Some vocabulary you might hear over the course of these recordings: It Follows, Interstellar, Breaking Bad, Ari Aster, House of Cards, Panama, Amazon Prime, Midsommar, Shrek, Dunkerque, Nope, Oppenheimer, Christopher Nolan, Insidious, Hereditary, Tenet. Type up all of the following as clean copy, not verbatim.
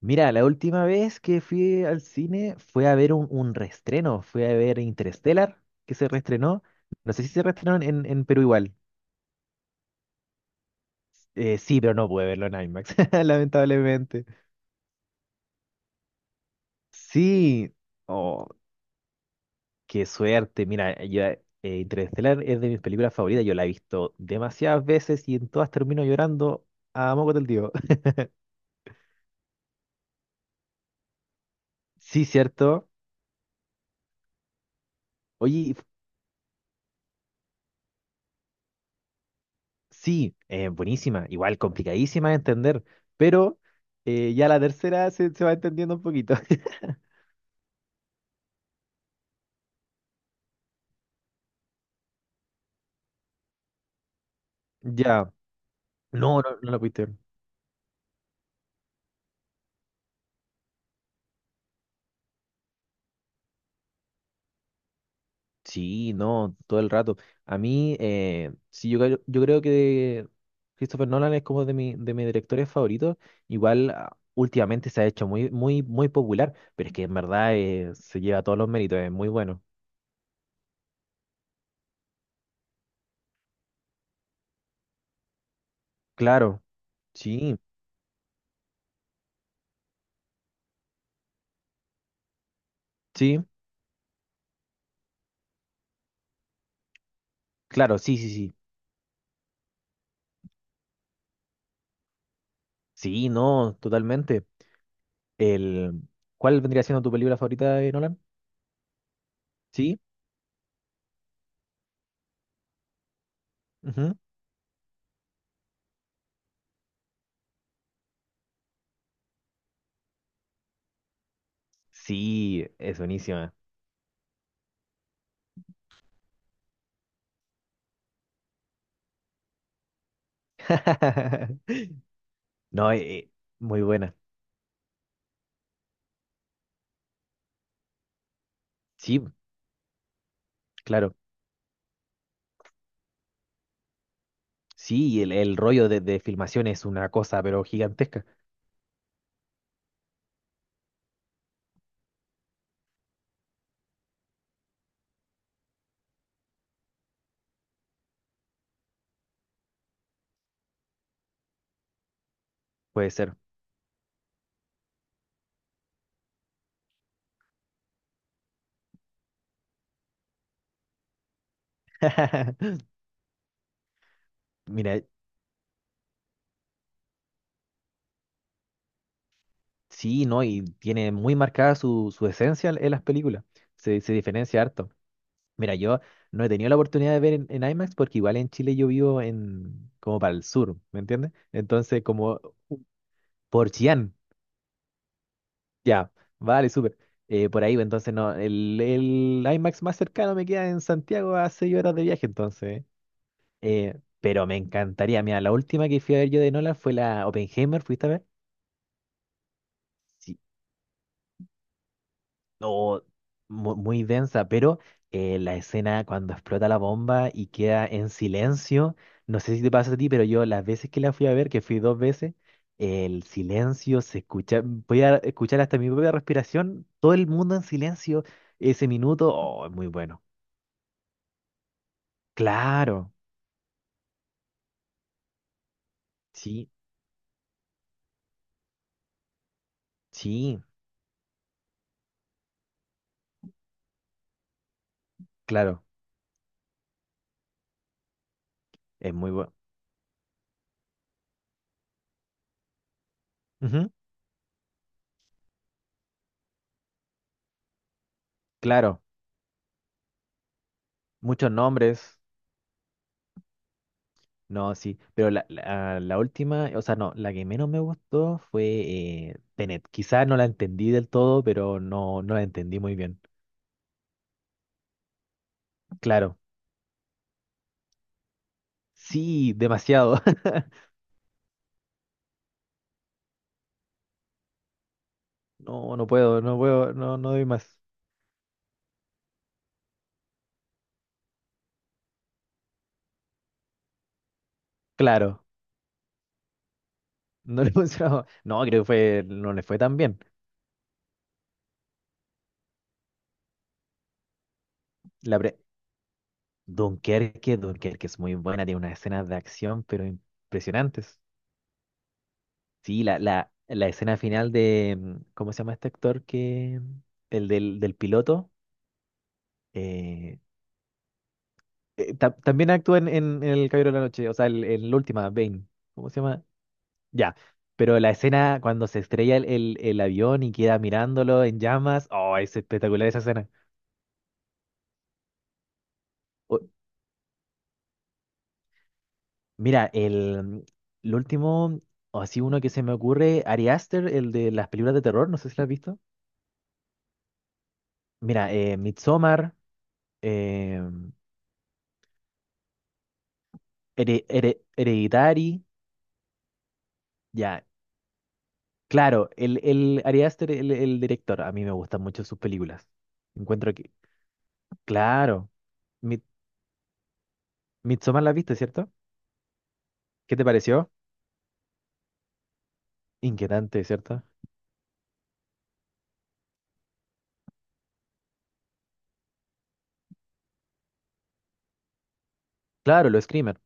Mira, la última vez que fui al cine fue a ver un reestreno, fue a ver Interstellar, que se reestrenó. No sé si se reestrenó en Perú igual. Sí, pero no pude verlo en IMAX, lamentablemente. Sí, oh, qué suerte. Mira, yo, Interstellar es de mis películas favoritas, yo la he visto demasiadas veces y en todas termino llorando a moco del tío. Sí, cierto. Oye, sí, buenísima, igual complicadísima de entender, pero ya la tercera se va entendiendo un poquito. Ya, no, no, no la pudiste ver. Sí, no, todo el rato. A mí, sí, yo, yo creo que Christopher Nolan es como de, mi, de mis directores favoritos. Igual últimamente se ha hecho muy, muy, muy popular, pero es que en verdad se lleva todos los méritos, es muy bueno. Claro, sí, sí, claro, sí, sí, sí. Sí, no, totalmente. El, ¿cuál vendría siendo tu película favorita de Nolan? Sí, ujú. Sí, es buenísima. No, muy buena. Sí, claro. Sí, y el rollo de filmación es una cosa, pero gigantesca. Puede ser. Mira, sí, ¿no? Y tiene muy marcada su, su esencia en las películas. Se diferencia harto. Mira, yo no he tenido la oportunidad de ver en IMAX porque igual en Chile yo vivo en como para el sur, ¿me entiendes? Entonces, como por Chillán. Ya, vale, súper. Por ahí, pues, entonces no, el IMAX más cercano me queda en Santiago a 6 horas de viaje, entonces. Pero me encantaría, mira, la última que fui a ver yo de Nolan fue la Oppenheimer, ¿fuiste a ver? Sí, o muy, densa, pero la escena cuando explota la bomba y queda en silencio, no sé si te pasa a ti, pero yo las veces que la fui a ver, que fui 2 veces, el silencio se escucha, voy a escuchar hasta mi propia respiración, todo el mundo en silencio, ese minuto, oh, es muy bueno. Claro, sí, sí, claro, es muy bueno. Claro, muchos nombres. No, sí, pero la última, o sea, no, la que menos me gustó fue Tenet. Quizás no la entendí del todo, pero no, no la entendí muy bien. Claro, sí, demasiado. No, no puedo, no puedo, no, no doy más. Claro, no le funcionó. No, creo que fue, no le fue tan bien. La pre Dunkerque, Dunkerque es muy buena, tiene unas escenas de acción, pero impresionantes. Sí, la escena final de, mm, ¿cómo se llama este actor que, el del, del piloto? Eh, También actúa en, en El Caballero de la Noche, o sea, en la última, Bane. ¿Cómo se llama? Ya. Pero la escena cuando se estrella el, el avión y queda mirándolo en llamas, oh, es espectacular esa escena. O- Mira, el último, o así uno que se me ocurre, Ari Aster, el de las películas de terror, no sé si la has visto. Mira, Midsommar, eh, Hereditary, ya. Claro, el Ari Aster, el director, a mí me gustan mucho sus películas. Encuentro que claro. Mi Midsommar la viste, ¿cierto? ¿Qué te pareció? Inquietante, ¿cierto? Claro, lo Screamer.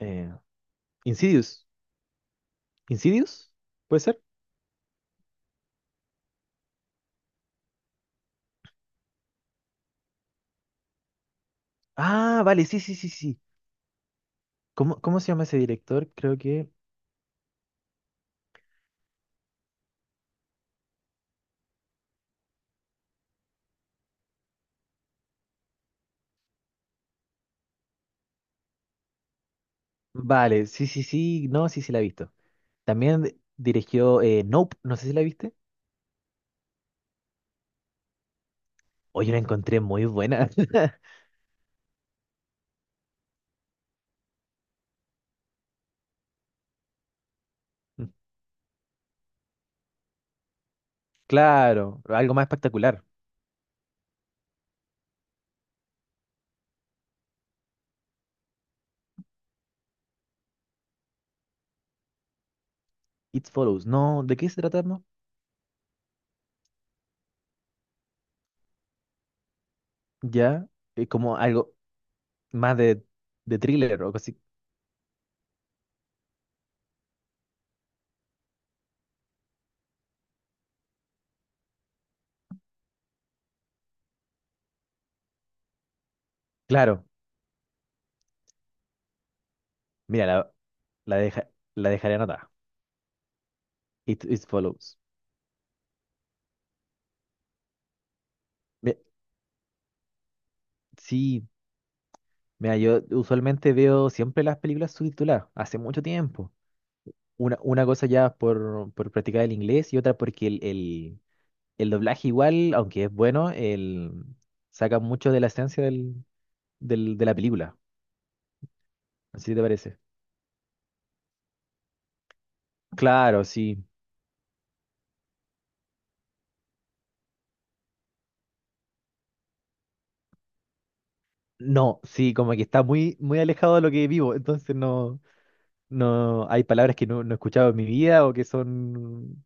Eh, Insidious. ¿Insidious? ¿Puede ser? Ah, vale, sí, sí, sí, sí. ¿Cómo, cómo se llama ese director? Creo que... Vale, sí, sí, sí. No, sí, sí, la he visto. También dirigió Nope, no sé si la viste. Oye, la encontré muy buena. Claro, algo más espectacular. It Follows. No, ¿de qué se trata, no? Ya, como algo más de thriller o algo así. Claro, mira, la, deja- la dejaré anotada. It, it follows. Ve- sí, mira, yo usualmente veo siempre las películas subtituladas, hace mucho tiempo. Una cosa ya por practicar el inglés y otra porque el doblaje igual, aunque es bueno, el, saca mucho de la esencia del, de la película. ¿Así te parece? Claro, sí. No, sí, como que está muy, muy alejado de lo que vivo, entonces no, no, hay palabras que no, no he escuchado en mi vida o que son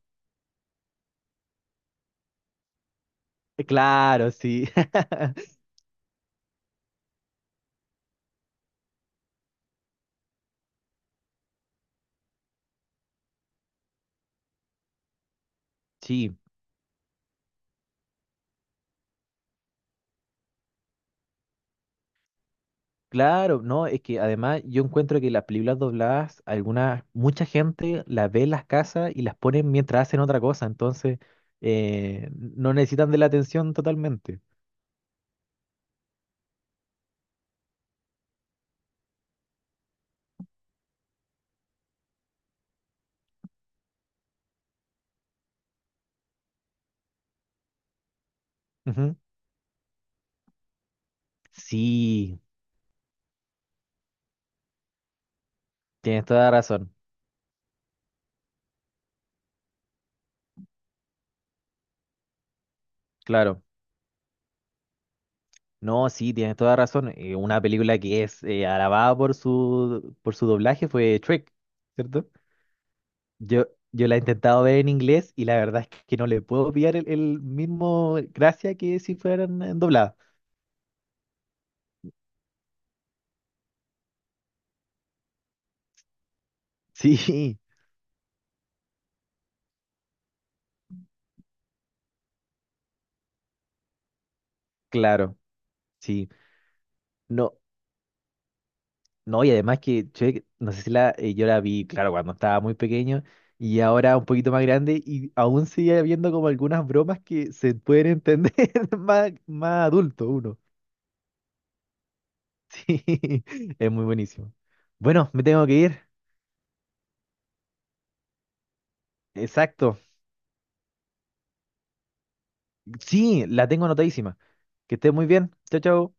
claro, sí. Sí, claro, no, es que además yo encuentro que las películas dobladas, algunas, mucha gente las ve en las casas y las ponen mientras hacen otra cosa, entonces no necesitan de la atención totalmente. Ujú. Sí, tienes toda la razón, claro. No, sí, tienes toda la razón. Una película que es alabada por su doblaje fue Shrek, ¿cierto? Yo la he intentado ver en inglés y la verdad es que no le puedo pillar el mismo gracia que si fueran en doblada. Sí, claro, sí. No, no, y además que che, no sé si la, yo la vi, claro, cuando estaba muy pequeño y ahora un poquito más grande y aún sigue habiendo como algunas bromas que se pueden entender más, más adulto uno. Sí, es muy buenísimo. Bueno, me tengo que ir. Exacto. Sí, la tengo anotadísima. Que estés muy bien. Chao, chao.